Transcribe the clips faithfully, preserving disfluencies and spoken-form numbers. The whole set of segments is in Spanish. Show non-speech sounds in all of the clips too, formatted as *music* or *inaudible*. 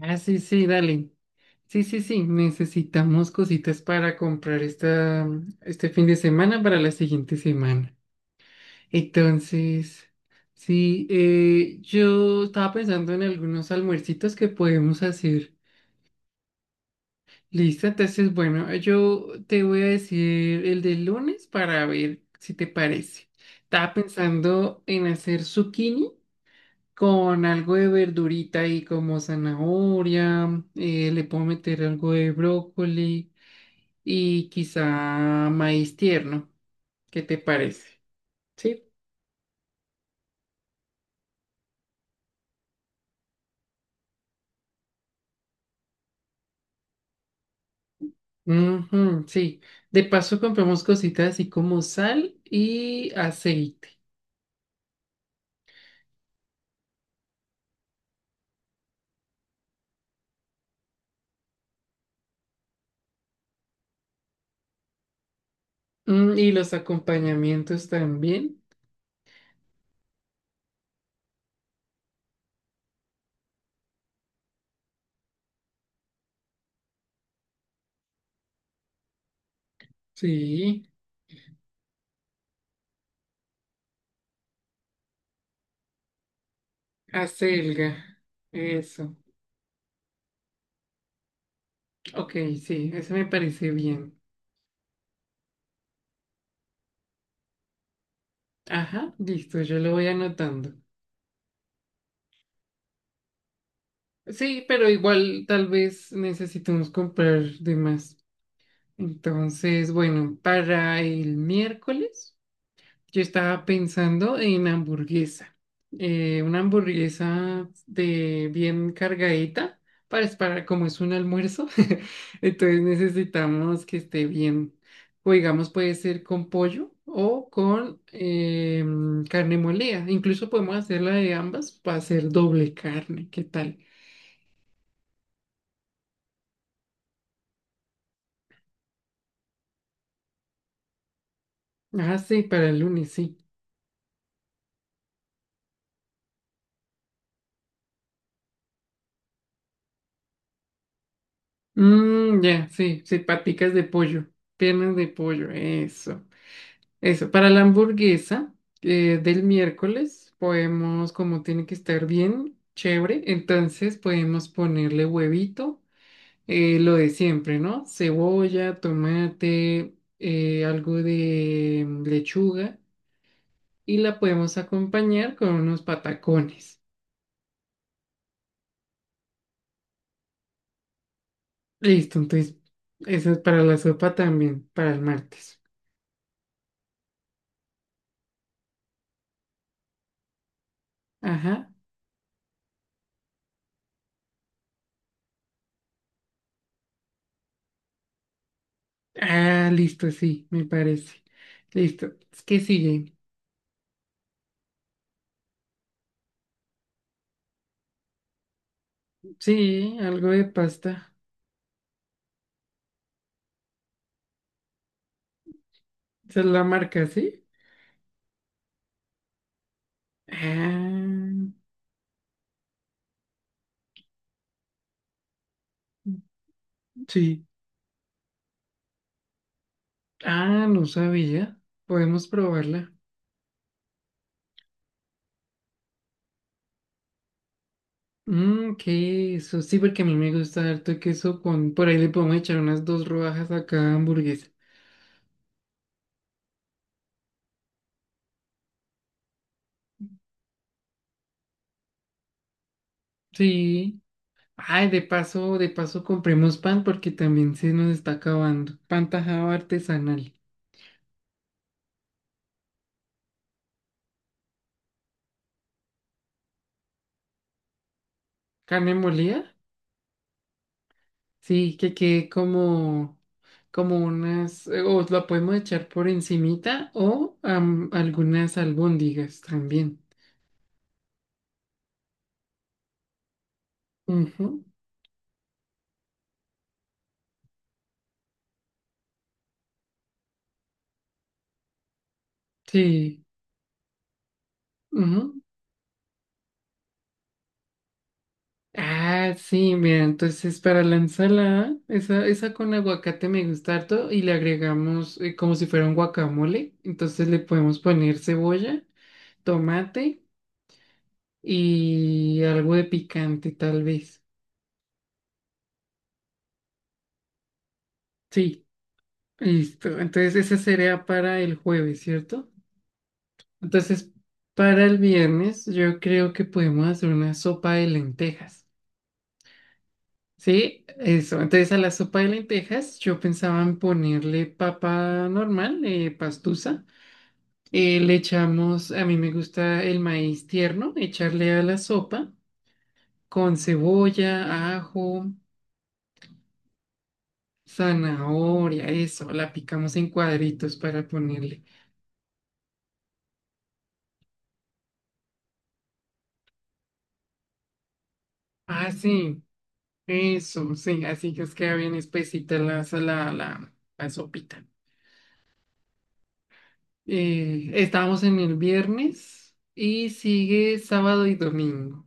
Ah, sí, sí, dale. Sí, sí, sí, necesitamos cositas para comprar esta, este fin de semana para la siguiente semana. Entonces, sí, eh, yo estaba pensando en algunos almuercitos que podemos hacer. Listo, entonces, bueno, yo te voy a decir el del lunes para ver si te parece. Estaba pensando en hacer zucchini con algo de verdurita ahí como zanahoria, eh, le puedo meter algo de brócoli y quizá maíz tierno. ¿Qué te parece? Sí. Ujú, sí. De paso compramos cositas así como sal y aceite. Mm, y los acompañamientos también. Sí. Acelga. Eso. Ok, sí, eso me parece bien. Ajá, listo, yo lo voy anotando. Sí, pero igual tal vez necesitamos comprar de más. Entonces, bueno, para el miércoles yo estaba pensando en hamburguesa. Eh, una hamburguesa de bien cargadita para, para como es un almuerzo. *laughs* Entonces necesitamos que esté bien. O digamos, puede ser con pollo o con em, carne molida. Incluso podemos hacerla de ambas para hacer doble carne. ¿Qué tal? Ah, sí, para el lunes, sí. Mmm, ya, sí, sí, paticas de pollo, piernas de pollo, eso. Eso, para la hamburguesa eh, del miércoles podemos, como tiene que estar bien, chévere, entonces podemos ponerle huevito, eh, lo de siempre, ¿no? Cebolla, tomate, eh, algo de mm, lechuga y la podemos acompañar con unos patacones. Listo, entonces eso es para la sopa también, para el martes. Ajá. Ah, listo, sí, me parece. Listo. ¿Qué sigue? Sí, algo de pasta. Esa es la marca, ¿sí? Ah, sí. Ah, no sabía. Podemos probarla. Mmm, queso. Sí, porque a mí me gusta harto queso con... Por ahí le podemos echar unas dos rodajas a cada hamburguesa. Sí. Ay, de paso, de paso compremos pan porque también se nos está acabando. Pan tajado artesanal. ¿Carne molida? Sí, que quede como, como unas, eh, o la podemos echar por encimita o am, algunas albóndigas también. Ujú, sí. Ujú. Ah, sí, mira, entonces para la ensalada, esa, esa con aguacate me gusta harto y le agregamos eh, como si fuera un guacamole. Entonces le podemos poner cebolla, tomate y algo de picante tal vez. Sí, listo. Entonces esa sería para el jueves, ¿cierto? Entonces, para el viernes, yo creo que podemos hacer una sopa de lentejas. ¿Sí? Eso. Entonces, a la sopa de lentejas, yo pensaba en ponerle papa normal, eh, pastusa. Eh, le echamos, a mí me gusta el maíz tierno, echarle a la sopa con cebolla, ajo, zanahoria, eso. La picamos en cuadritos para ponerle. Ah, sí, eso, sí. Así que os queda bien espesita la, la, la la sopita. Eh, estábamos en el viernes y sigue sábado y domingo.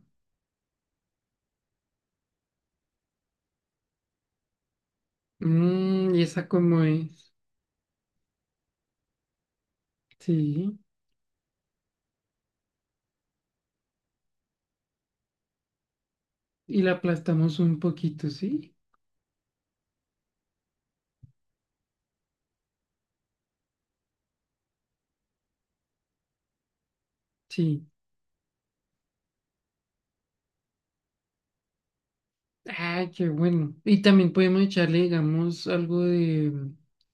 Mm, y esa como es. Sí. Y la aplastamos un poquito, ¿sí? Sí. Ah, qué bueno. Y también podemos echarle, digamos, algo de,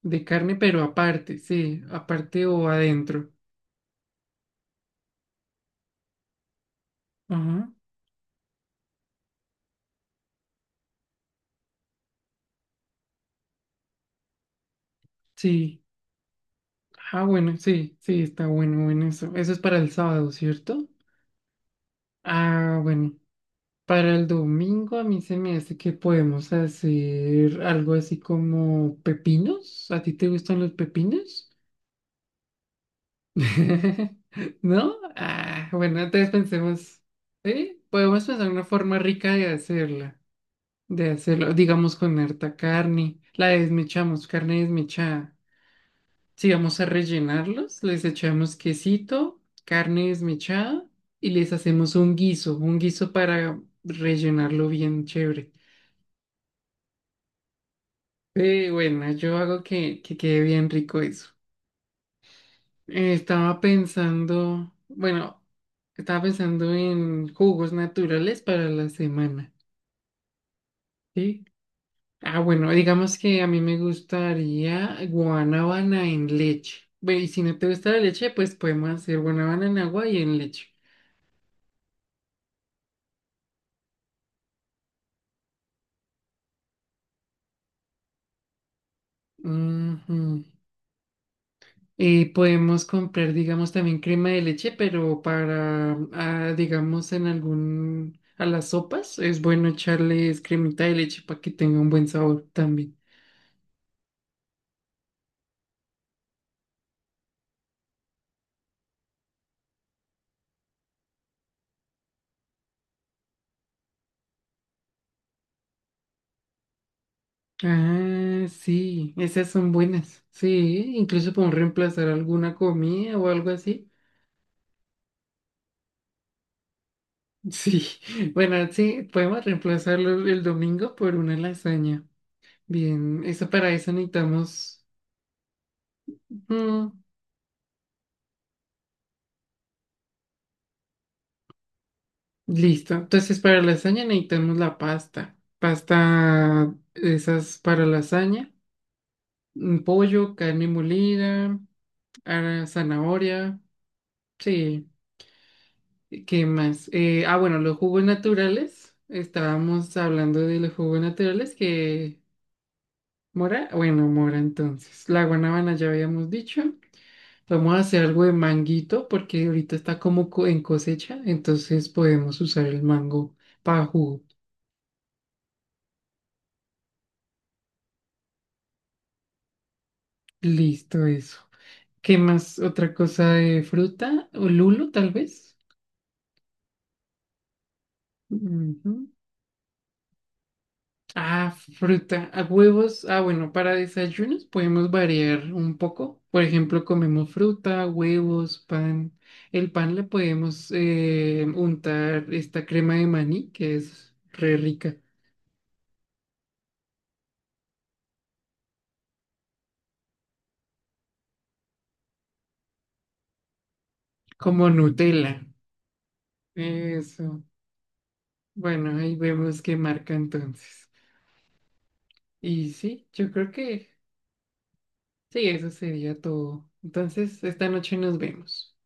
de carne, pero aparte, sí, aparte o adentro. Ajá. Sí. Ah, bueno, sí, sí, está bueno, bueno eso. Eso es para el sábado, ¿cierto? Ah, bueno. Para el domingo a mí se me hace que podemos hacer algo así como pepinos. ¿A ti te gustan los pepinos? *laughs* ¿No? Ah, bueno, entonces pensemos, ¿eh? Podemos pensar una forma rica de hacerla, de hacerlo, digamos con harta carne, la desmechamos, carne desmechada. Si vamos a rellenarlos, les echamos quesito, carne desmechada y les hacemos un guiso, un guiso para rellenarlo bien chévere. Sí, bueno, yo hago que, que quede bien rico eso. Eh, estaba pensando, bueno, estaba pensando en jugos naturales para la semana, ¿sí? Ah, bueno, digamos que a mí me gustaría guanábana en leche. Bueno, y si no te gusta la leche, pues podemos hacer guanábana en agua y en leche. Ujú. Eh, podemos comprar, digamos, también crema de leche, pero para, ah, digamos, en algún, a las sopas es bueno echarles cremita de leche para que tenga un buen sabor también. Ah, sí, esas son buenas. Sí, incluso podemos reemplazar alguna comida o algo así. Sí, *laughs* bueno, sí, podemos reemplazarlo el domingo por una lasaña. Bien, eso para eso necesitamos. mm, Listo. Entonces, para lasaña necesitamos la pasta. Pasta, esas para lasaña. Un pollo, carne molida, ah, zanahoria. Sí. ¿Qué más? Eh, ah, bueno, los jugos naturales. Estábamos hablando de los jugos naturales que... Mora, bueno, mora entonces. La guanábana ya habíamos dicho. Vamos a hacer algo de manguito porque ahorita está como co- en cosecha, entonces podemos usar el mango para jugo. Listo, eso. ¿Qué más? ¿Otra cosa de fruta? ¿O lulo, tal vez? Ujú. Ah, fruta. A huevos. Ah, bueno, para desayunos podemos variar un poco. Por ejemplo, comemos fruta, huevos, pan. El pan le podemos eh, untar esta crema de maní, que es re rica, como Nutella. Eso. Bueno, ahí vemos qué marca entonces. Y sí, yo creo que sí, eso sería todo. Entonces, esta noche nos vemos.